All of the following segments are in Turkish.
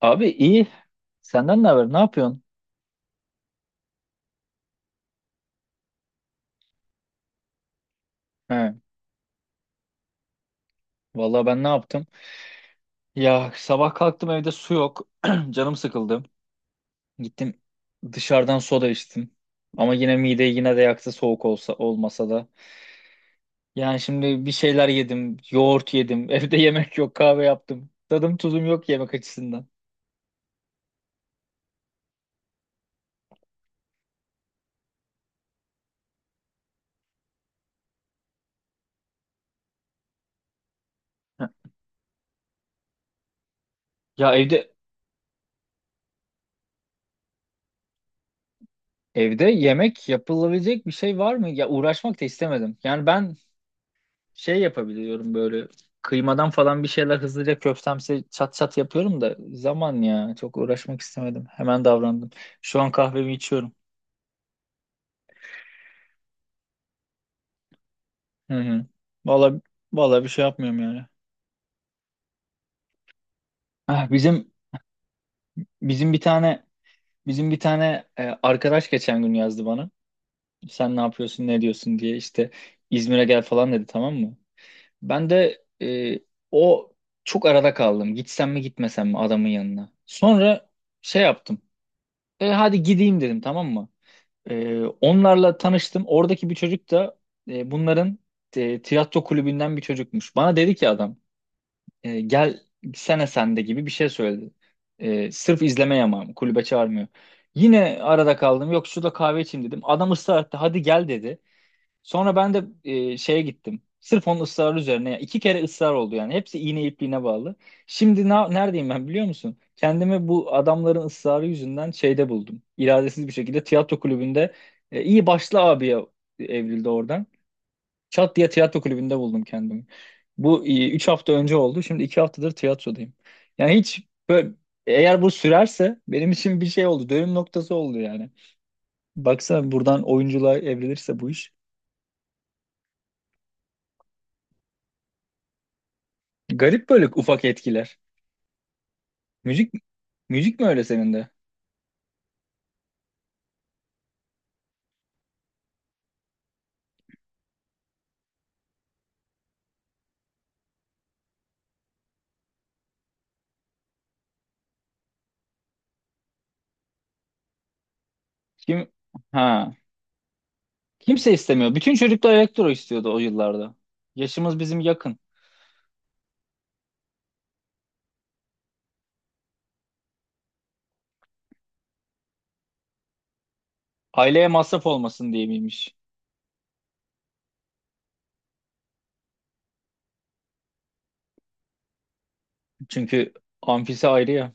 Abi iyi. Senden ne haber? Ne yapıyorsun? He. Vallahi ben ne yaptım? Ya sabah kalktım, evde su yok. Canım sıkıldı. Gittim, dışarıdan soda içtim. Ama yine mideyi yine de yaktı, soğuk olsa olmasa da. Yani şimdi bir şeyler yedim. Yoğurt yedim. Evde yemek yok. Kahve yaptım. Tadım tuzum yok yemek açısından. Heh. Ya evde yemek yapılabilecek bir şey var mı? Ya uğraşmak da istemedim. Yani ben şey yapabiliyorum, böyle kıymadan falan bir şeyler hızlıca köftemsi çat çat yapıyorum da, zaman ya, çok uğraşmak istemedim. Hemen davrandım. Şu an kahvemi içiyorum. Hı hı. Vallahi vallahi bir şey yapmıyorum yani. Ah, bizim bir tane arkadaş geçen gün yazdı bana. Sen ne yapıyorsun, ne diyorsun diye, işte İzmir'e gel falan dedi, tamam mı? Ben de o çok arada kaldım. Gitsem mi gitmesem mi adamın yanına? Sonra şey yaptım. E hadi gideyim dedim, tamam mı? Onlarla tanıştım. Oradaki bir çocuk da bunların tiyatro kulübünden bir çocukmuş. Bana dedi ki adam gel, sene sende gibi bir şey söyledi. Sırf izlemeye yamağım, kulübe çağırmıyor. Yine arada kaldım. Yok şurada kahve içeyim dedim. Adam ısrar etti. Hadi gel dedi. Sonra ben de şeye gittim. Sırf onun ısrarı üzerine. Yani 2 kere ısrar oldu yani. Hepsi iğne ipliğine bağlı. Şimdi neredeyim ben, biliyor musun? Kendimi bu adamların ısrarı yüzünden şeyde buldum. İradesiz bir şekilde tiyatro kulübünde iyi başlı abiye evrildi oradan. Çat diye tiyatro kulübünde buldum kendimi. Bu 3 hafta önce oldu. Şimdi 2 haftadır tiyatrodayım. Yani hiç böyle, eğer bu sürerse benim için bir şey oldu. Dönüm noktası oldu yani. Baksana, buradan oyunculuğa evrilirse bu iş. Garip böyle ufak etkiler. Müzik müzik mi öyle senin de? Kim ha kimse istemiyor. Bütün çocuklar elektro istiyordu o yıllarda. Yaşımız bizim yakın. Aileye masraf olmasın diye miymiş? Çünkü amfisi ayrı ya.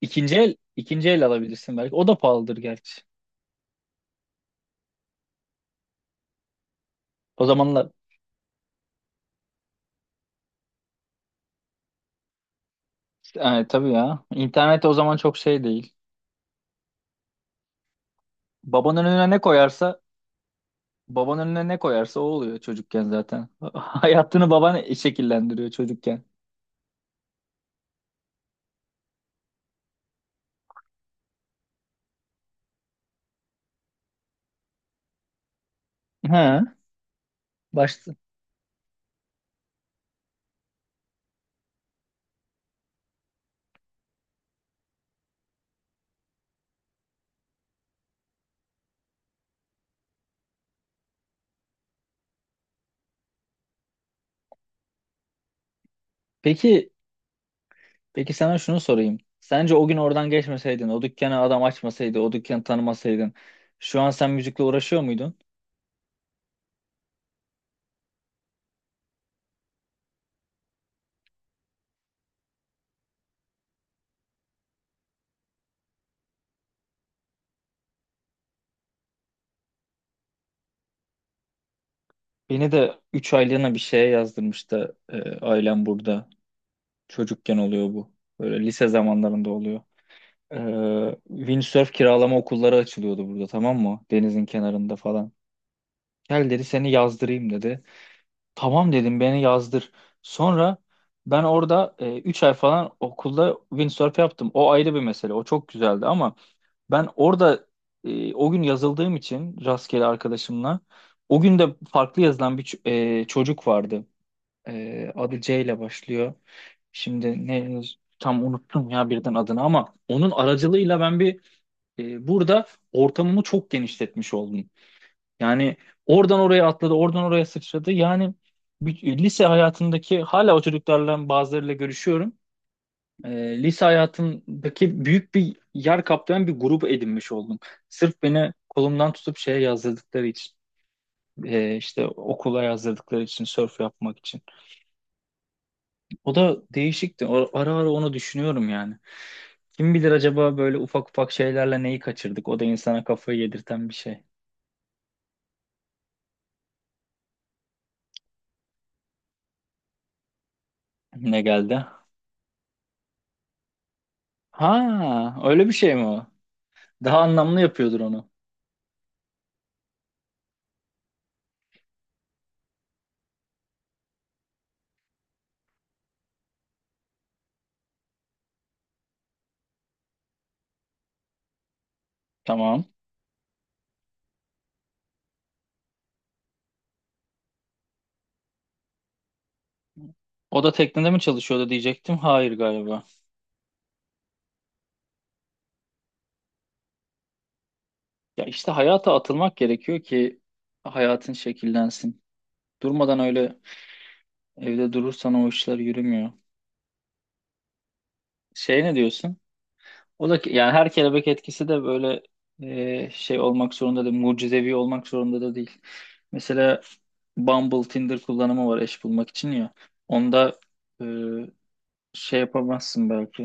İkinci el alabilirsin belki. O da pahalıdır gerçi. O zamanlar işte, yani tabii ya. İnternet o zaman çok şey değil. Babanın önüne ne koyarsa babanın önüne ne koyarsa o oluyor çocukken zaten. Hayatını baban şekillendiriyor çocukken. Ha, başta. Peki Peki sana şunu sorayım. Sence o gün oradan geçmeseydin, o dükkanı adam açmasaydı, o dükkanı tanımasaydın, şu an sen müzikle uğraşıyor muydun? Beni de 3 aylığına bir şeye yazdırmıştı ailem, burada. Çocukken oluyor bu. Böyle lise zamanlarında oluyor. E, Windsurf kiralama okulları açılıyordu burada, tamam mı? Denizin kenarında falan. Gel dedi, seni yazdırayım dedi. Tamam dedim, beni yazdır. Sonra ben orada 3 ay falan okulda windsurf yaptım. O ayrı bir mesele. O çok güzeldi ama ben orada o gün yazıldığım için rastgele, arkadaşımla o gün de farklı yazılan bir çocuk vardı. Adı C ile başlıyor. Şimdi ne, tam unuttum ya birden adını, ama onun aracılığıyla ben burada ortamımı çok genişletmiş oldum. Yani oradan oraya atladı, oradan oraya sıçradı. Yani lise hayatındaki hala o çocuklarla, bazılarıyla görüşüyorum, lise hayatımdaki büyük bir yer kaplayan bir grup edinmiş oldum. Sırf beni kolumdan tutup şeye yazdırdıkları için, işte okula yazdırdıkları için, sörf yapmak için. O da değişikti. Ara ara onu düşünüyorum yani. Kim bilir acaba böyle ufak ufak şeylerle neyi kaçırdık? O da insana kafayı yedirten bir şey. Ne geldi? Ha, öyle bir şey mi o? Daha anlamlı yapıyordur onu. Tamam. O da teknede mi çalışıyordu diyecektim. Hayır galiba. Ya işte hayata atılmak gerekiyor ki hayatın şekillensin. Durmadan öyle evde durursan o işler yürümüyor. Şey, ne diyorsun? O da yani her kelebek etkisi de böyle şey olmak zorunda değil, mucizevi olmak zorunda da değil. Mesela Bumble, Tinder kullanımı var eş bulmak için ya. Onda e, şey yapamazsın belki.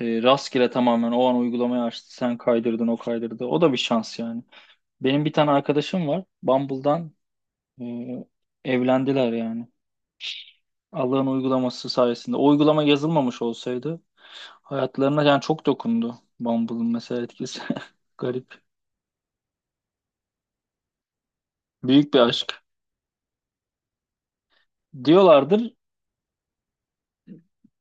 Rastgele tamamen o an uygulamayı açtı, sen kaydırdın, o kaydırdı. O da bir şans yani. Benim bir tane arkadaşım var. Bumble'dan Ee, evlendiler yani. Allah'ın uygulaması sayesinde. O uygulama yazılmamış olsaydı hayatlarına, yani çok dokundu Bumble'ın mesela etkisi. Garip. Büyük bir aşk. Diyorlardır.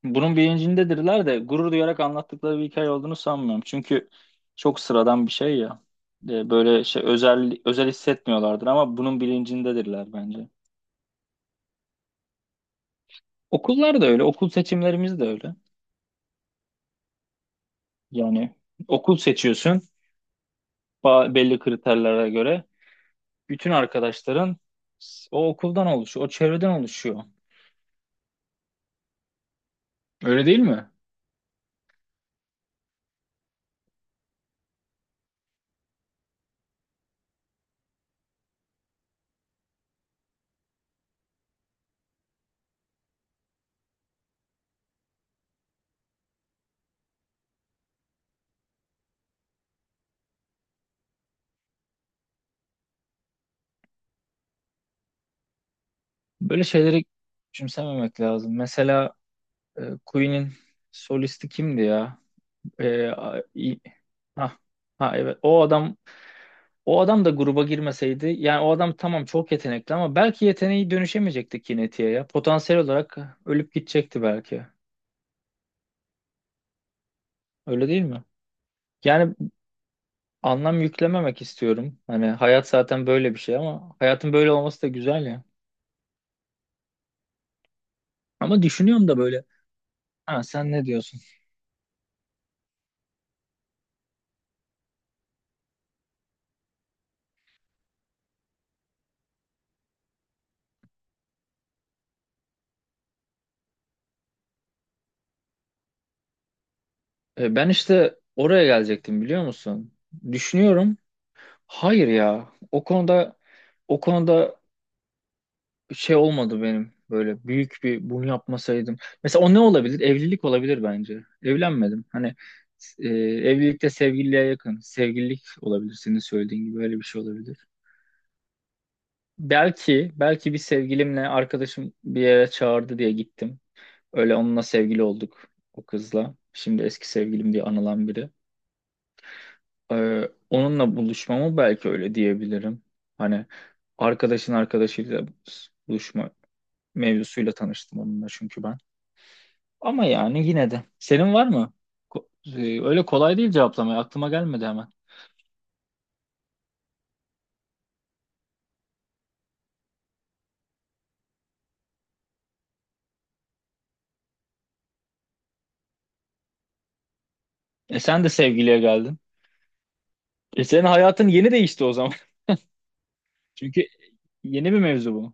Bunun bilincindedirler de, gurur duyarak anlattıkları bir hikaye olduğunu sanmıyorum. Çünkü çok sıradan bir şey ya. Böyle şey özel özel hissetmiyorlardır, ama bunun bilincindedirler bence. Okullar da öyle. Okul seçimlerimiz de öyle. Yani okul seçiyorsun belli kriterlere göre. Bütün arkadaşların o okuldan oluşuyor, o çevreden oluşuyor. Öyle değil mi? Böyle şeyleri küçümsememek lazım. Mesela Queen'in solisti kimdi ya? E, a- i- ha, ha evet. O adam da gruba girmeseydi, yani o adam tamam çok yetenekli ama belki yeteneği dönüşemeyecekti Kineti'ye ya. Potansiyel olarak ölüp gidecekti belki. Öyle değil mi? Yani anlam yüklememek istiyorum. Hani hayat zaten böyle bir şey, ama hayatın böyle olması da güzel ya. Ama düşünüyorum da böyle. Ha, sen ne diyorsun? Ben işte oraya gelecektim, biliyor musun? Düşünüyorum. Hayır ya. O konuda şey olmadı benim. Böyle büyük bir, bunu yapmasaydım. Mesela o ne olabilir? Evlilik olabilir bence. Evlenmedim. Hani e, evlilikte sevgililiğe yakın. Sevgililik olabilir senin söylediğin gibi. Öyle bir şey olabilir. Belki bir sevgilimle, arkadaşım bir yere çağırdı diye gittim. Öyle onunla sevgili olduk, o kızla. Şimdi eski sevgilim diye anılan biri. Onunla buluşmama belki öyle diyebilirim. Hani arkadaşın arkadaşıyla buluşma mevzusuyla tanıştım onunla, çünkü ben. Ama yani yine de. Senin var mı? Öyle kolay değil cevaplamaya. Aklıma gelmedi hemen. E, sen de sevgiliye geldin. E, senin hayatın yeni değişti o zaman. Çünkü yeni bir mevzu bu.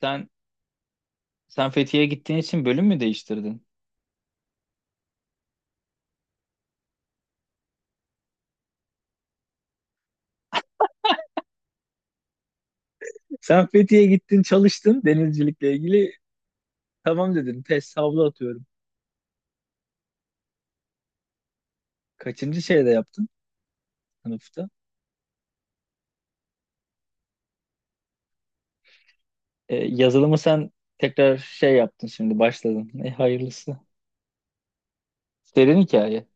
Sen sen Fethiye'ye gittiğin için bölüm mü değiştirdin? Sen Fethiye'ye gittin, çalıştın denizcilikle ilgili. Tamam dedin. Test, havlu atıyorum. Kaçıncı şeyde yaptın? Sınıfta? Yazılımı sen tekrar şey yaptın, şimdi başladın. E, hayırlısı. Serin hikaye.